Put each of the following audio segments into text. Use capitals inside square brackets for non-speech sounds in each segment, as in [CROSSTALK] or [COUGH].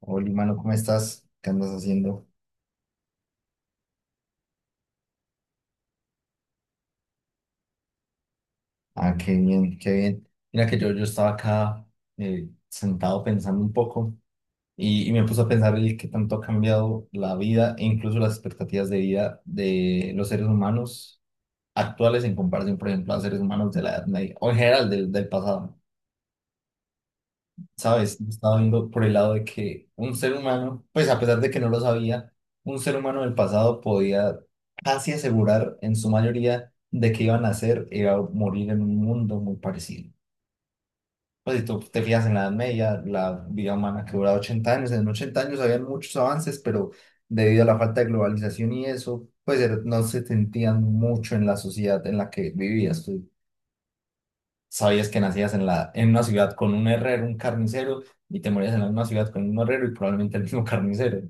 Hola, mano, ¿cómo estás? ¿Qué andas haciendo? Ah, qué bien, qué bien. Mira que yo estaba acá sentado pensando un poco y me puse a pensar el qué tanto ha cambiado la vida e incluso las expectativas de vida de los seres humanos actuales en comparación, por ejemplo, a seres humanos de la Edad Media o en general del pasado. ¿Sabes? Yo estaba viendo por el lado de que un ser humano, pues a pesar de que no lo sabía, un ser humano del pasado podía casi asegurar en su mayoría de que iba a nacer e iba a morir en un mundo muy parecido. Pues si tú te fijas en la Edad Media, la vida humana que duraba 80 años, en 80 años había muchos avances, pero debido a la falta de globalización y eso, no se sentían mucho en la sociedad en la que vivías. Pues sabías que nacías en en una ciudad con un herrero, un carnicero, y te morías en la misma ciudad con un herrero y probablemente el mismo [LAUGHS] carnicero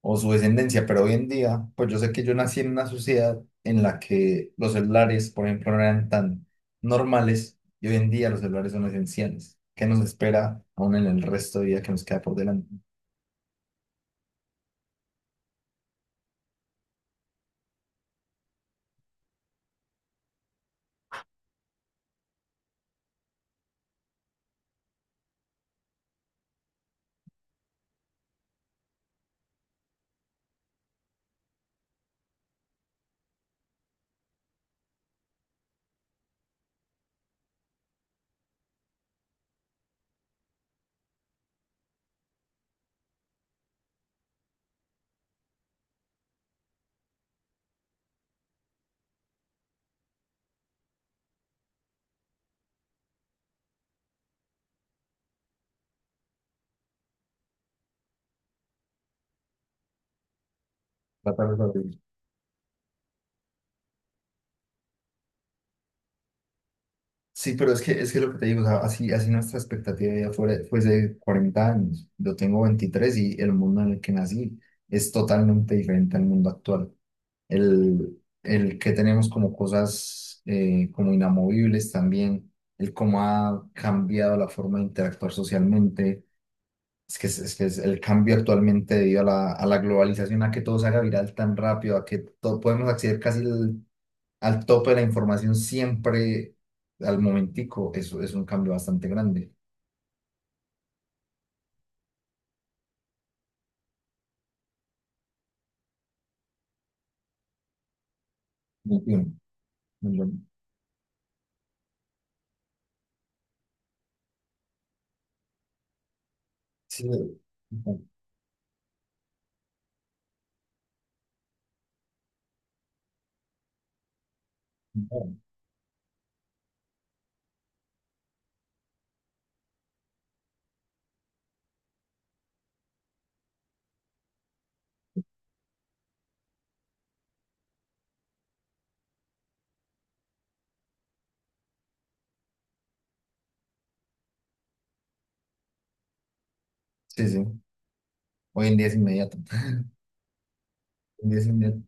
o su descendencia. Pero hoy en día, pues yo sé que yo nací en una sociedad en la que los celulares, por ejemplo, no eran tan normales y hoy en día los celulares son esenciales. ¿Qué nos espera aún en el resto de vida que nos queda por delante? Tratar de sobrevivir. Sí, pero es que lo que te digo, o sea, así nuestra expectativa de vida fuese de 40 años. Yo tengo 23 y el mundo en el que nací es totalmente diferente al mundo actual. El que tenemos como cosas como inamovibles también, el cómo ha cambiado la forma de interactuar socialmente. Es que es el cambio actualmente debido a a la globalización, a que todo se haga viral tan rápido, a que todo, podemos acceder casi al tope de la información siempre al momentico, eso es un cambio bastante grande. 21, 21. Sí, sí, sí. Hoy en día es inmediato. Hoy en día es inmediato.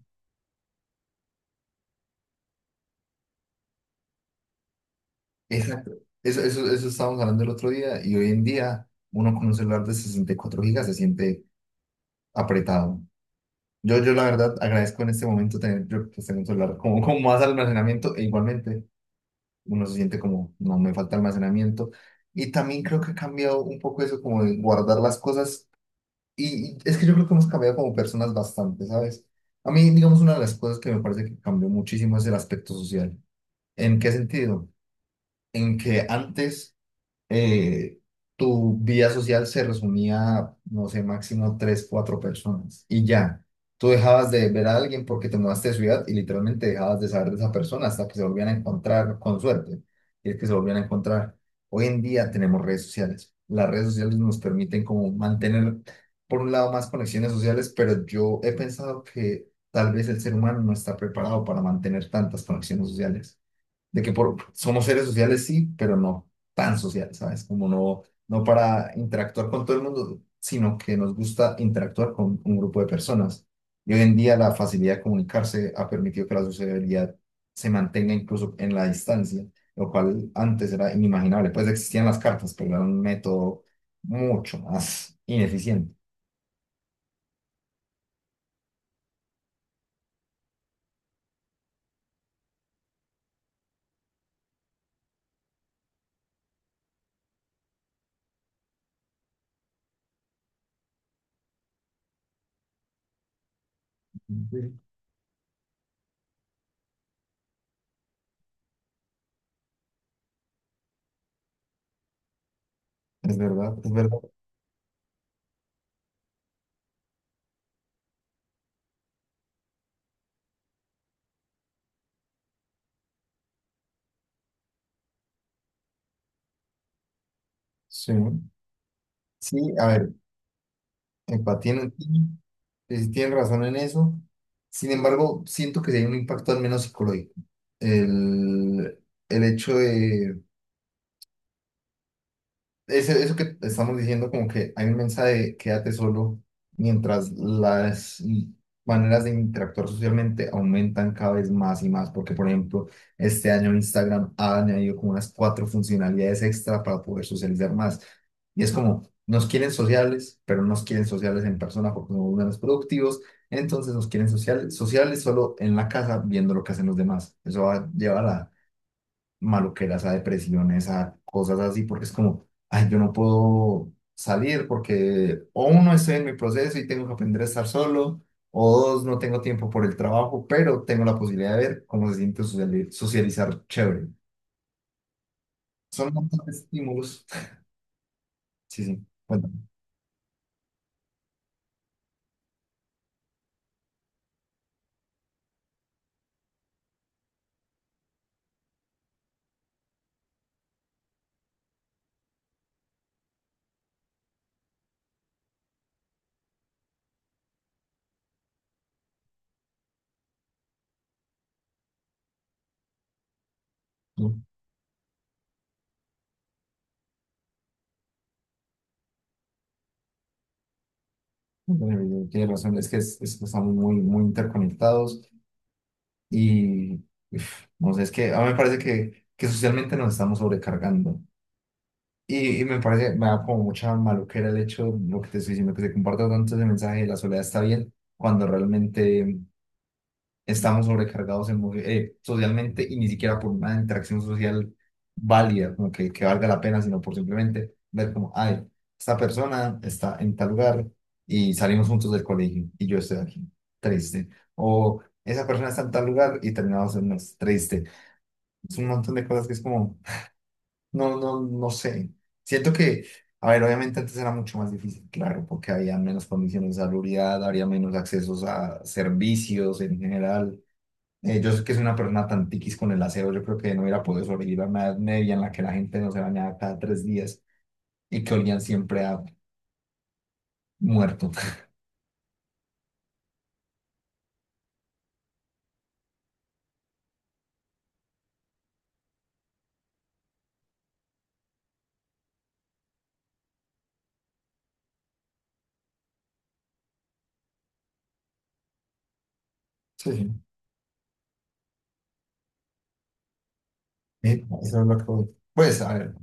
Exacto. Eso estábamos hablando el otro día y hoy en día uno con un celular de 64 gigas se siente apretado. Yo la verdad agradezco en este momento tener, yo, pues, tengo un celular como con más almacenamiento e igualmente uno se siente como, no, me falta almacenamiento. Y también creo que ha cambiado un poco eso como de guardar las cosas. Y es que yo creo que hemos cambiado como personas bastante, ¿sabes? A mí, digamos, una de las cosas que me parece que cambió muchísimo es el aspecto social. ¿En qué sentido? En que antes eh, tu vida social se resumía, a, no sé, máximo 3, 4 personas y ya. Tú dejabas de ver a alguien porque te mudaste de ciudad y literalmente dejabas de saber de esa persona hasta que se volvían a encontrar con suerte. Y es que se volvían a encontrar. Hoy en día tenemos redes sociales. Las redes sociales nos permiten como mantener, por un lado, más conexiones sociales, pero yo he pensado que tal vez el ser humano no está preparado para mantener tantas conexiones sociales de que por, somos seres sociales, sí, pero no tan sociales, ¿sabes? Como no para interactuar con todo el mundo, sino que nos gusta interactuar con un grupo de personas. Y hoy en día la facilidad de comunicarse ha permitido que la sociabilidad se mantenga incluso en la distancia, lo cual antes era inimaginable. Pues existían las cartas, pero era un método mucho más ineficiente. Sí. Es verdad, es verdad. Sí. Sí, a ver, empatía en el team. Tienen razón en eso. Sin embargo, siento que sí hay un impacto al menos psicológico. El, el hecho de, eso que estamos diciendo, como que hay un mensaje de quédate solo mientras maneras de interactuar socialmente aumentan cada vez más y más, porque por ejemplo, este año Instagram ha añadido como unas cuatro funcionalidades extra para poder socializar más. Y es como, nos quieren sociales, pero no nos quieren sociales en persona porque somos menos productivos, entonces nos quieren sociales, sociales solo en la casa viendo lo que hacen los demás. Eso va a llevar a maluqueras, a depresiones, a cosas así, porque es como, ay, yo no puedo salir porque o uno estoy en mi proceso y tengo que aprender a estar solo, o dos, no tengo tiempo por el trabajo, pero tengo la posibilidad de ver cómo se siente socializar chévere. Son un montón de estímulos. Sí, sí, bueno, no, bueno, tiene razón, es que estamos muy interconectados y, uf, no sé, es que a mí me parece que socialmente nos estamos sobrecargando. Y me parece, me da como mucha maluquera el hecho, lo que te estoy diciendo, que se comparta tanto ese mensaje de la soledad está bien, cuando realmente estamos sobrecargados socialmente y ni siquiera por una interacción social válida, como que valga la pena, sino por simplemente ver como, ay, esta persona está en tal lugar y salimos juntos del colegio y yo estoy aquí, triste. O esa persona está en tal lugar y terminamos en más, triste. Es un montón de cosas que es como... no sé. Siento que, a ver, obviamente antes era mucho más difícil, claro, porque había menos condiciones de salubridad, había menos accesos a servicios en general. Yo sé que soy una persona tan tiquis con el aseo, yo creo que no hubiera podido sobrevivir a una edad media en la que la gente no se bañaba cada 3 días y que olían siempre a muerto. [LAUGHS] Sí, sí. Eso es lo que... Pues, a ver,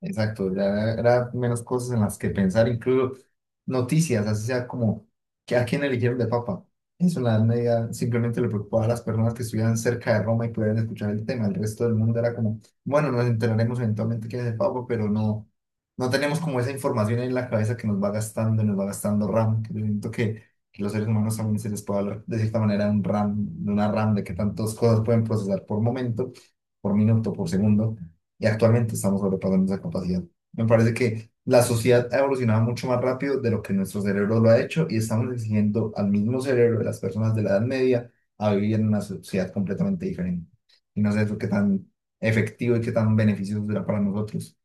exacto, ya era menos cosas en las que pensar, incluso noticias, así sea como que a quién eligieron de papa. Eso en la Edad Media simplemente le preocupaba a las personas que estuvieran cerca de Roma y pudieran escuchar el tema. El resto del mundo era como, bueno, nos enteraremos eventualmente quién es el papa, pero no tenemos como esa información en la cabeza que nos va gastando RAM. Que yo siento que los seres humanos también se les puede hablar de cierta manera de un RAM, de una RAM, de que tantas cosas pueden procesar por momento, por minuto, por segundo y actualmente estamos sobrepasando esa capacidad. Me parece que la sociedad ha evolucionado mucho más rápido de lo que nuestro cerebro lo ha hecho y estamos exigiendo al mismo cerebro de las personas de la Edad Media a vivir en una sociedad completamente diferente. Y no sé eso qué tan efectivo y qué tan beneficioso será para nosotros,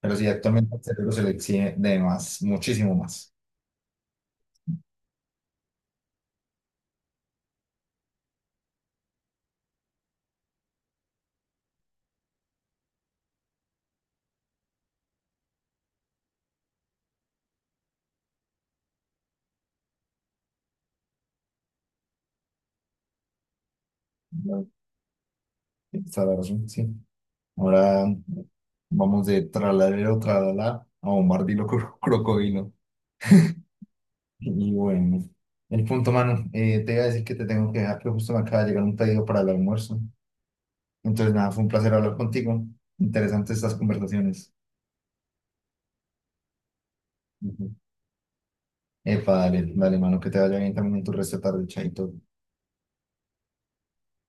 pero sí, actualmente al cerebro se le exige de más, muchísimo más. No, está la razón, sí. Ahora vamos de tralalero, tralala a bombardilo crocodilo. Y bueno, el punto, mano, te iba a decir que te tengo que dejar, pero justo me acaba de llegar un pedido para el almuerzo. Entonces, nada, fue un placer hablar contigo. Interesantes estas conversaciones. Ujú. Epa, dale, dale, mano, que te vaya bien también en tu resto de tarde, chaito.